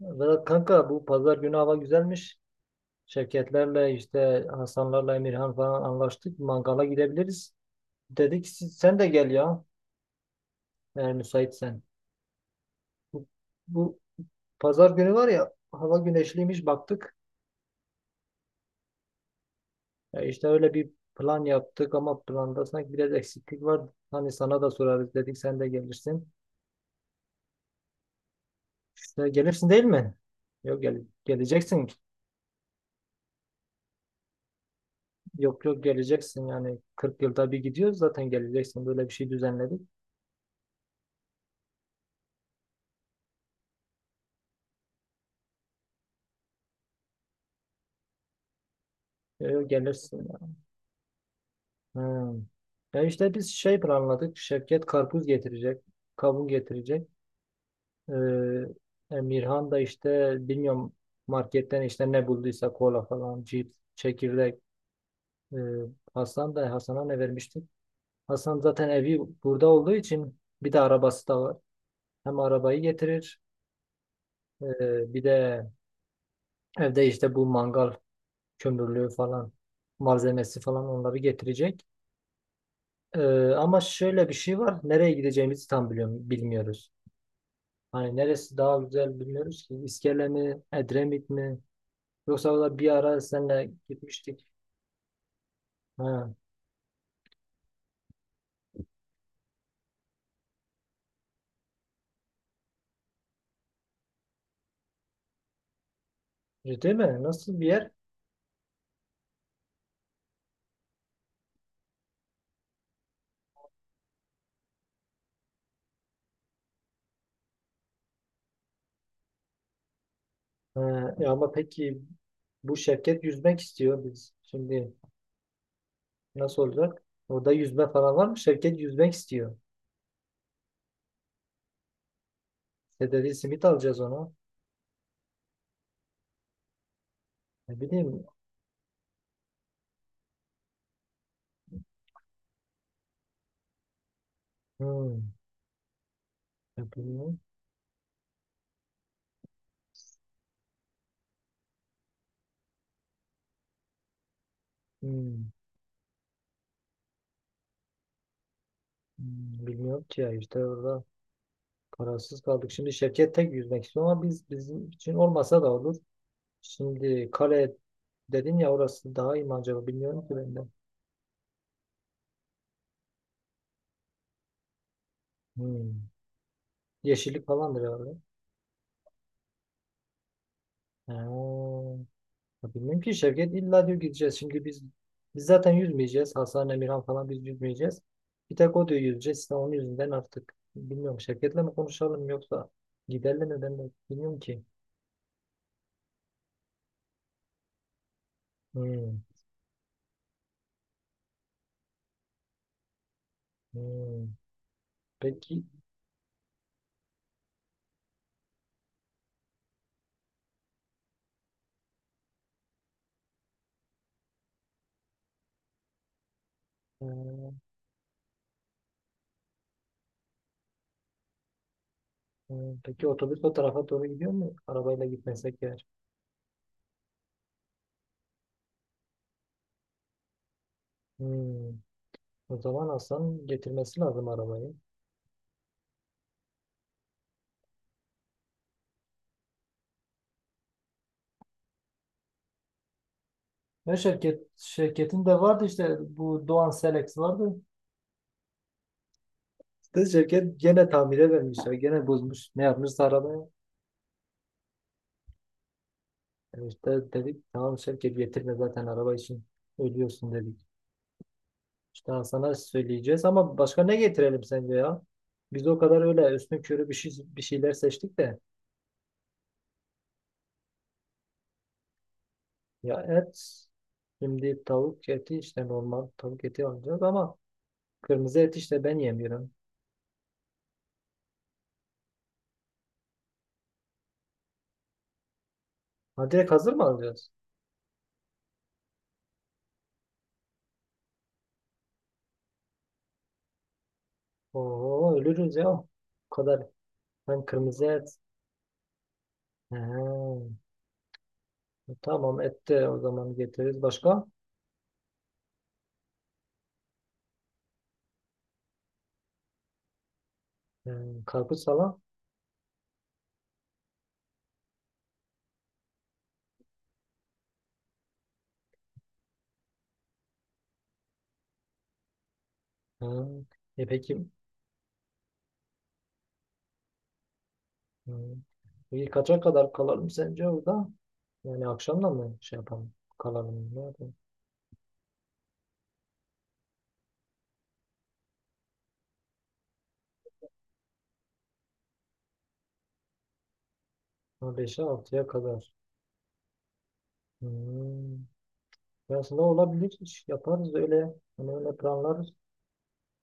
Vedat kanka bu pazar günü hava güzelmiş. Şirketlerle işte Hasanlarla Emirhan falan anlaştık. Mangala gidebiliriz. Dedik siz, sen de gel ya. Eğer müsaitsen. Bu, bu pazar günü var ya, hava güneşliymiş baktık. Ya işte öyle bir plan yaptık ama planda sanki biraz eksiklik var. Hani sana da sorarız dedik, sen de gelirsin. İşte gelirsin değil mi? Yok gel, geleceksin. Yok yok geleceksin, yani 40 yılda bir gidiyoruz zaten, geleceksin. Böyle bir şey düzenledik. Yok yok, gelirsin. Ha. Ya işte biz şey planladık. Şevket karpuz getirecek. Kavun getirecek. Ee, Emirhan da işte bilmiyorum, marketten işte ne bulduysa, kola falan, cips, çekirdek. Ee, Hasan da, Hasan'a ne vermiştik? Hasan zaten evi burada olduğu için, bir de arabası da var. Hem arabayı getirir, bir de evde işte bu mangal kömürlüğü falan, malzemesi falan, onları getirecek. Ee, ama şöyle bir şey var. Nereye gideceğimizi tam bilmiyoruz. Hani neresi daha güzel bilmiyoruz ki. İskele mi, Edremit mi? Yoksa da bir ara seninle gitmiştik. Ha, ciddi mi? Nasıl bir yer? Ha, ama peki bu Şevket yüzmek istiyor biz. Şimdi nasıl olacak? Orada yüzme falan var mı? Şevket yüzmek istiyor. İşte dedi simit alacağız ona. Ne bileyim. Hmm. Ne bileyim. Hmm, hmm, bilmiyorum ki ya, işte orada kararsız kaldık. Şimdi Şevket tek yüzmek istiyor ama biz, bizim için olmasa da olur. Şimdi kare dedin ya, orası daha iyi mi acaba, bilmiyorum ki ben de. Hmm. Yeşillik falandır herhalde. Ha. Ya bilmiyorum ki, Şevket illa diyor gideceğiz. Şimdi biz zaten yüzmeyeceğiz. Hasan, Emirhan falan, biz yüzmeyeceğiz. Bir tek o diyor yüzeceğiz. İşte onun yüzünden artık bilmiyorum, Şevket'le mi konuşalım, yoksa giderle mi, ben de bilmiyorum ki. Hmm. Hmm. Peki ee, peki otobüs o tarafa doğru gidiyor mu? Arabayla gitmesek eğer. Hmm. O zaman Hasan getirmesi lazım arabayı. Ve şirketin de vardı, işte bu Doğan Selex vardı. İşte şirket gene tamire vermişler. Gene bozmuş. Ne yapmışsa arabaya? İşte dedik tamam, şirket getirme zaten, araba için ölüyorsun dedik. İşte sana söyleyeceğiz, ama başka ne getirelim sence ya? Biz o kadar öyle üstün körü bir şeyler seçtik de. Ya et, şimdi tavuk eti, işte normal tavuk eti alacağız, ama kırmızı et işte ben yemiyorum. Ha, direkt hazır mı alacağız? Oo, ölürüz ya. O kadar. Hem kırmızı et. He, tamam, et de o zaman getiririz. Başka? He, karpuz falan. He, peki, he, peki kaça kadar kalalım sence orada? Yani akşamda mı şey yapalım? Kalalım. Ne yapalım? Ha, beşe altıya kadar. Hmm. Ya aslında olabilir. İş yaparız öyle. Hani öyle planlarız.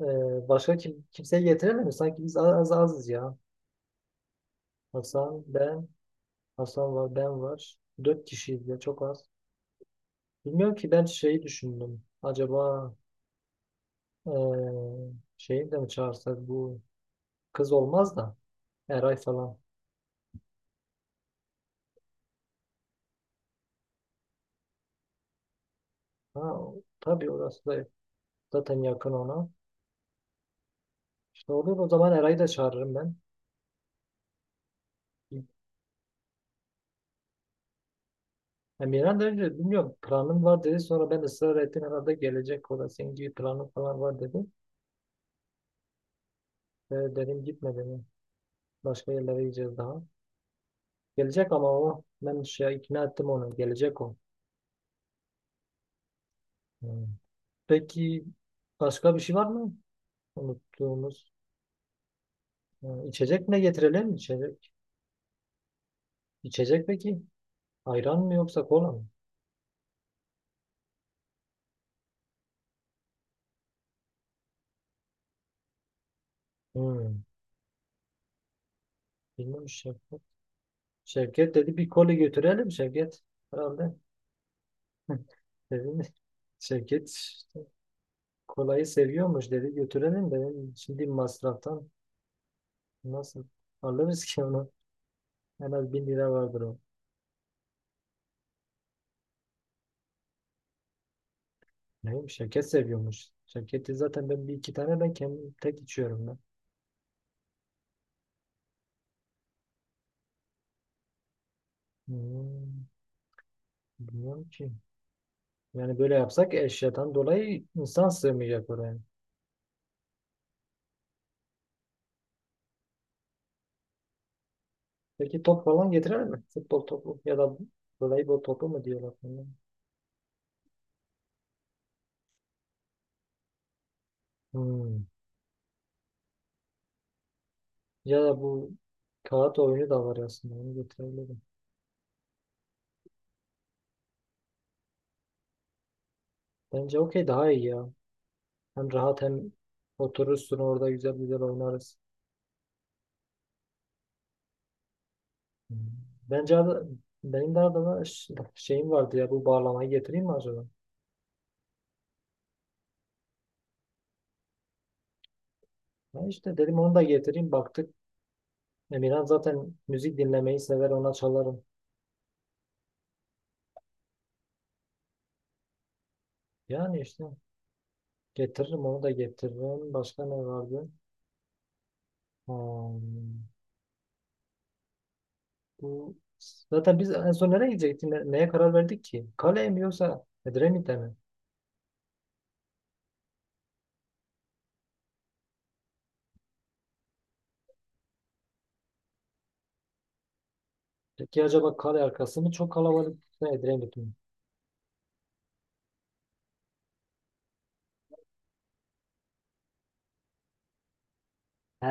Başka kimseyi getirelim mi? Sanki biz az, az azız ya. Hasan, ben, Hasan var, ben var. Dört kişiyiz ya, çok az. Bilmiyorum ki, ben şeyi düşündüm. Acaba eee şeyi de mi çağırsak, bu kız olmaz da, Eray falan. Ha, tabii, orası da zaten yakın ona. İşte olur o zaman, Eray'ı da çağırırım ben. Emirhan da önce bilmiyorum, planım var dedi. Sonra ben ısrar ettim, herhalde gelecek, o da senin gibi planın falan var dedi. Dedim gitme dedim. Başka yerlere gideceğiz daha. Gelecek ama o, ben şey ikna ettim onu. Gelecek o. Hmm. Peki, başka bir şey var mı? Unuttuğumuz. Ha, İçecek ne getirelim? İçecek. İçecek peki? Ayran mı yoksa kola mı? Hmm. Bilmiyorum, Şevket. Şevket dedi bir kola götürelim, Şevket. Herhalde. Dedim, Şevket işte kolayı seviyormuş dedi, götürelim dedim. Şimdi masraftan nasıl alırız ki onu? En az bin lira vardır o. Neyim, Şevket seviyormuş. Şevket'i zaten ben bir iki tane, ben kendim tek içiyorum ben. Hmm, bilmiyorum ki. Yani böyle yapsak, eşyadan dolayı insan sığmayacak oraya. Peki top falan getirir mi? Futbol topu, ya da voleybol topu mu diyorlar buna? Hmm. Ya da bu kağıt oyunu da var aslında, onu getirebilirim. Bence okey daha iyi ya. Hem rahat, hem oturursun orada güzel güzel oynarız. Hmm. Bence benim de Adana şeyim vardı ya, bu bağlamayı getireyim mi acaba? Ben işte dedim onu da getireyim baktık. Emirhan zaten müzik dinlemeyi sever, ona çalarım. Yani işte getiririm, onu da getiririm. Başka ne vardı? Hmm. Bu zaten biz en son nereye gidecektik? Neye karar verdik ki? Kale mi yoksa Edremit'e mi? Peki acaba kale arkası mı çok kalabalık, yoksa Edremit mi? He.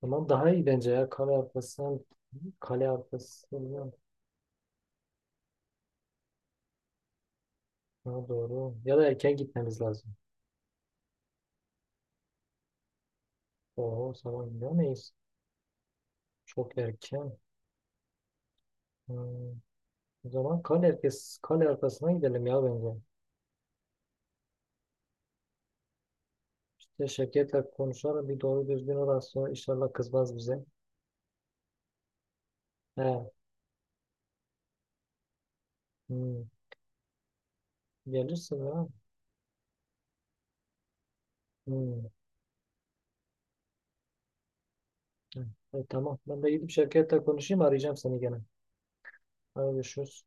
Tamam, daha iyi bence ya. Kale arkası, kale arkası. Daha doğru. Ya da erken gitmemiz lazım. Oo, sabah gidemeyiz. Çok erken. Hmm. O zaman kale arkası, kale arkasına gidelim ya bence. İşte Şevket'le konuşalım. Bir doğru düzgün, orası inşallah kızmaz bize. He. Hmm. Gelirsin ya. Hmm. Hı. Tamam. Ben de gidip şirkette konuşayım. Arayacağım seni gene. Hadi görüşürüz.